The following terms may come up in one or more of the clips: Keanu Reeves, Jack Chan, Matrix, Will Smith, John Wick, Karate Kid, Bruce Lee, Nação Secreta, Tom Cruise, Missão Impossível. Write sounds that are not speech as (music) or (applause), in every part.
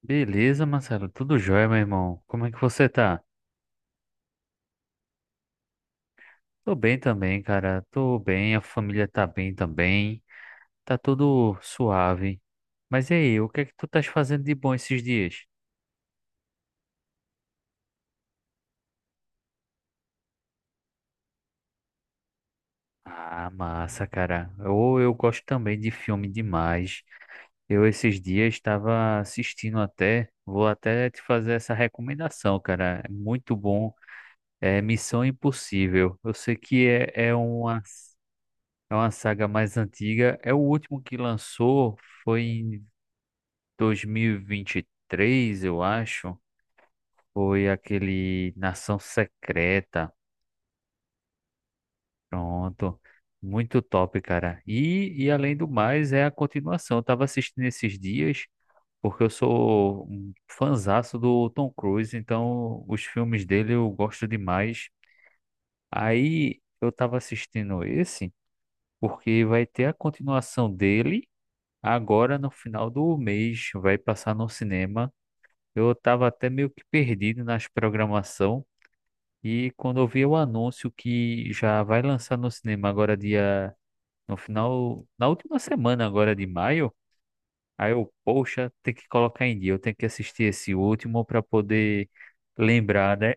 Beleza, Marcelo, tudo jóia, meu irmão. Como é que você tá? Tô bem também, cara. Tô bem, a família tá bem também. Tá tudo suave. Mas e aí, o que é que tu estás fazendo de bom esses dias? Ah, massa, cara. Ou eu, gosto também de filme demais. Eu esses dias estava assistindo até, vou até te fazer essa recomendação, cara. É muito bom. É Missão Impossível. Eu sei que é uma É uma saga mais antiga. É o último que lançou, foi em 2023, eu acho. Foi aquele Nação Secreta. Pronto. Muito top, cara. E além do mais, é a continuação. Eu tava assistindo esses dias, porque eu sou um fanzaço do Tom Cruise, então os filmes dele eu gosto demais. Aí eu tava assistindo esse, porque vai ter a continuação dele. Agora, no final do mês, vai passar no cinema. Eu estava até meio que perdido nas programação e quando eu vi o anúncio que já vai lançar no cinema agora dia no final, na última semana agora de maio, aí eu, poxa, tem que colocar em dia, eu tenho que assistir esse último para poder lembrar, né?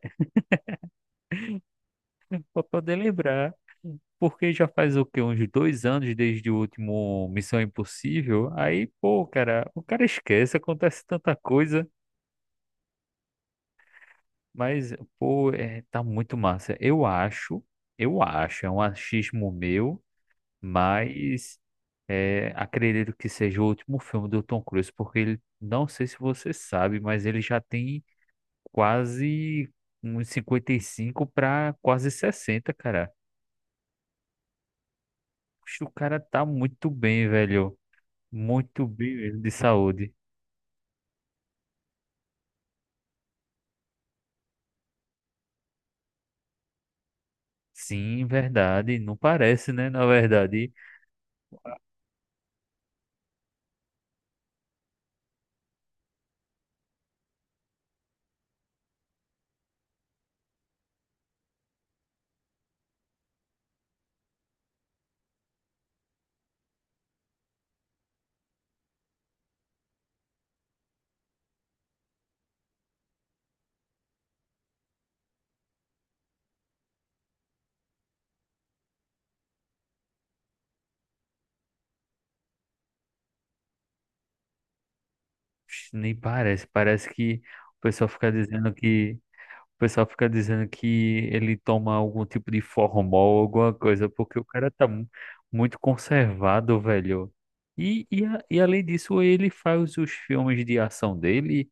(laughs) Para poder lembrar, porque já faz o quê? Uns dois anos desde o último Missão Impossível. Aí, pô, cara, o cara esquece, acontece tanta coisa. Mas, pô, é, tá muito massa. Eu acho, é um achismo meu, mas é, acredito que seja o último filme do Tom Cruise, porque ele, não sei se você sabe, mas ele já tem quase uns 55 para quase 60 cara. Poxa, o cara tá muito bem, velho. Muito bem mesmo de saúde. Sim, verdade. Não parece, né? Na verdade, nem parece. Parece que o pessoal fica dizendo que. O pessoal fica dizendo que ele toma algum tipo de formol, alguma coisa, porque o cara tá muito conservado, velho. E, e além disso, ele faz os filmes de ação dele.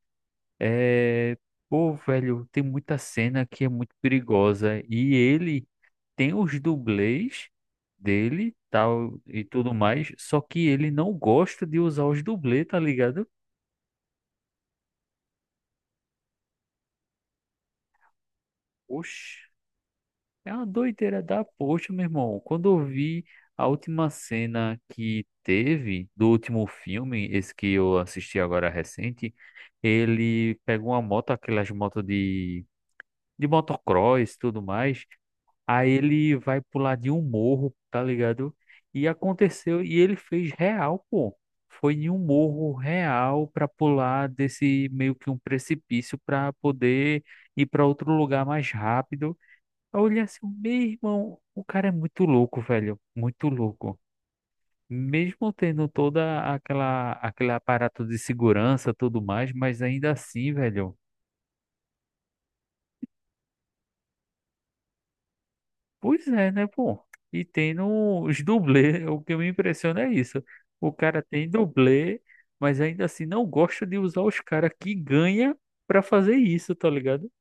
É... Pô, velho, tem muita cena que é muito perigosa. E ele tem os dublês dele, tal, e tudo mais. Só que ele não gosta de usar os dublês, tá ligado? Oxi. É uma doideira da poxa, meu irmão. Quando eu vi a última cena que teve do último filme, esse que eu assisti agora recente, ele pega uma moto, aquelas motos de motocross e tudo mais, aí ele vai pular de um morro, tá ligado? E aconteceu, e ele fez real, pô. Foi em um morro real pra pular desse meio que um precipício pra poder ir pra outro lugar mais rápido. Eu olhei assim, meu irmão, o cara é muito louco, velho, muito louco. Mesmo tendo toda aquela aquele aparato de segurança, tudo mais, mas ainda assim, velho. Pois é, né, pô? E tendo os dublês, o que me impressiona é isso. O cara tem dublê, mas ainda assim não gosta de usar os caras que ganha pra fazer isso, tá ligado?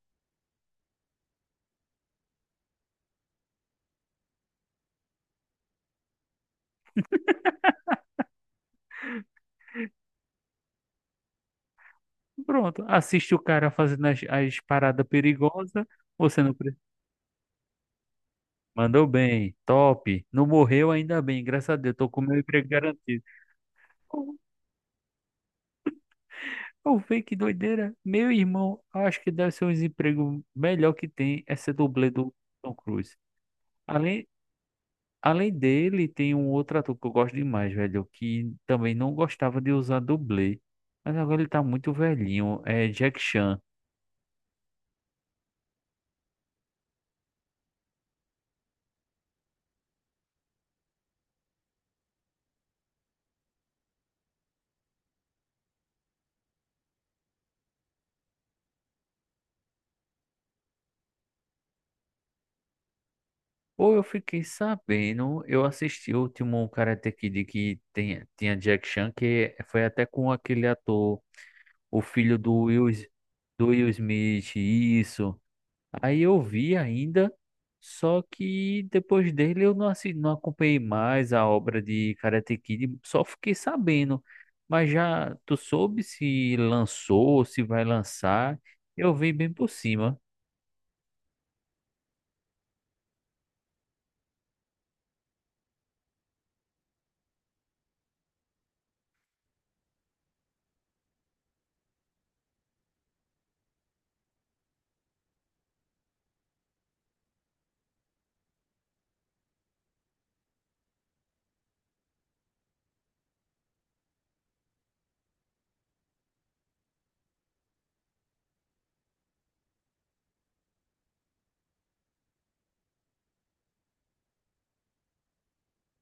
Pronto, assiste o cara fazendo as paradas perigosas, você não precisa. Mandou bem, top. Não morreu ainda bem, graças a Deus. Tô com meu emprego garantido. Pô, eu vi que doideira. Meu irmão, acho que deve ser um emprego melhor que tem essa dublê do Tom Cruise. Além, além dele, tem um outro ator que eu gosto demais, velho, que também não gostava de usar dublê. Mas agora ele tá muito velhinho, é Jack Chan. Ou eu fiquei sabendo, eu assisti o último Karate Kid que tem, tinha Jack Chan, que foi até com aquele ator. O filho do Will Smith, isso. Aí eu vi ainda, só que depois dele eu não, não acompanhei mais a obra de Karate Kid, só fiquei sabendo. Mas já tu soube se lançou, se vai lançar? Eu vi bem por cima,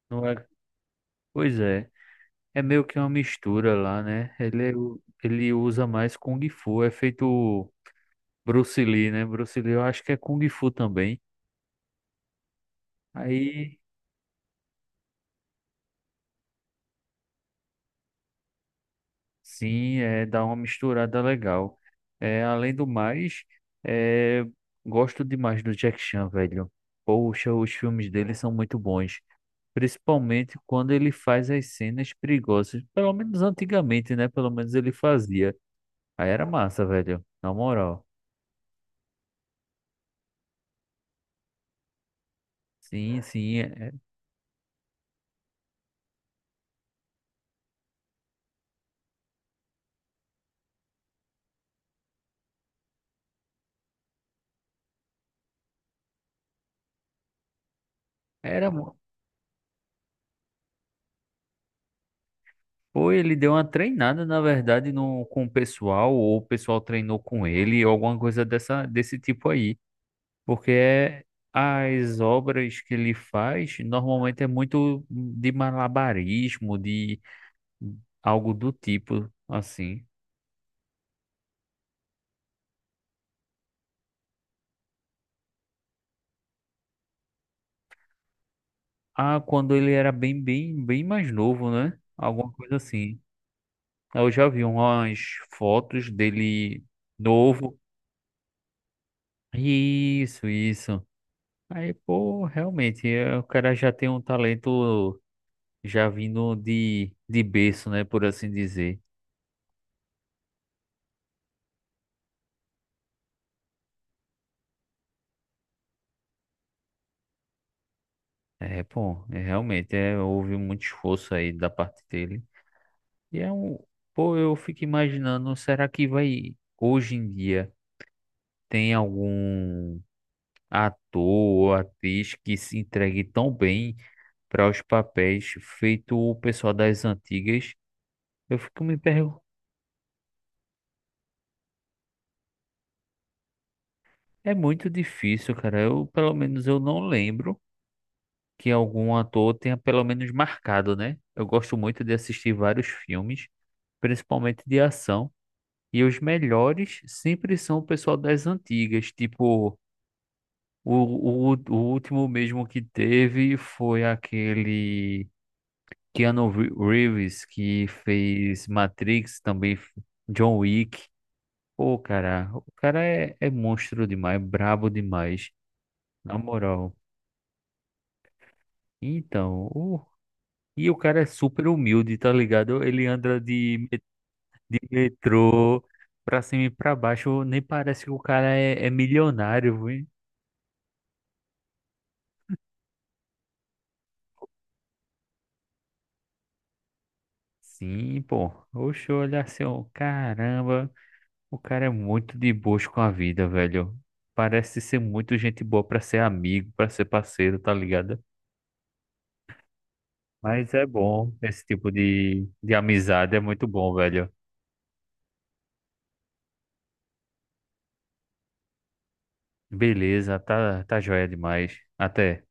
não é? Pois é, é meio que uma mistura lá, né? Ele, ele usa mais Kung Fu, é feito Bruce Lee, né? Bruce Lee eu acho que é Kung Fu também. Aí sim, é, dá uma misturada legal. É, além do mais, é, gosto demais do Jack Chan, velho. Poxa, os filmes dele são muito bons. Principalmente quando ele faz as cenas perigosas. Pelo menos antigamente, né? Pelo menos ele fazia. Aí era massa, velho. Na moral. Sim. Era. Pô, ele deu uma treinada, na verdade, no, com o pessoal, ou o pessoal treinou com ele, ou alguma coisa dessa, desse tipo aí. Porque é, as obras que ele faz normalmente é muito de malabarismo, de algo do tipo, assim. Ah, quando ele era bem mais novo, né? Alguma coisa assim. Eu já vi umas fotos dele novo. Isso, isso. Aí, pô, realmente, é, o cara já tem um talento já vindo de berço, né? Por assim dizer. É, pô, é, realmente é, houve muito esforço aí da parte dele. E é um, pô, eu fico imaginando, será que vai, hoje em dia, tem algum ator ou atriz que se entregue tão bem para os papéis feito o pessoal das antigas? Eu fico me perguntando, é muito difícil, cara. Eu, pelo menos, eu não lembro que algum ator tenha pelo menos marcado, né? Eu gosto muito de assistir vários filmes, principalmente de ação. E os melhores sempre são o pessoal das antigas, tipo, o, o último mesmo que teve foi aquele Reeves, que fez Matrix, John Wick. Pô, cara, o cara é, é monstro demais, brabo demais, na moral. Então, o cara é super humilde, tá ligado? Ele anda de metrô pra cima e pra baixo, nem parece que o cara é, é milionário. Sim, pô. Oxe, olha assim, ó, caramba, o cara é muito de boas com a vida, velho. Parece ser muito gente boa pra ser amigo, pra ser parceiro, tá ligado? Mas é bom, esse tipo de amizade é muito bom, velho. Beleza, tá, tá joia demais. Até.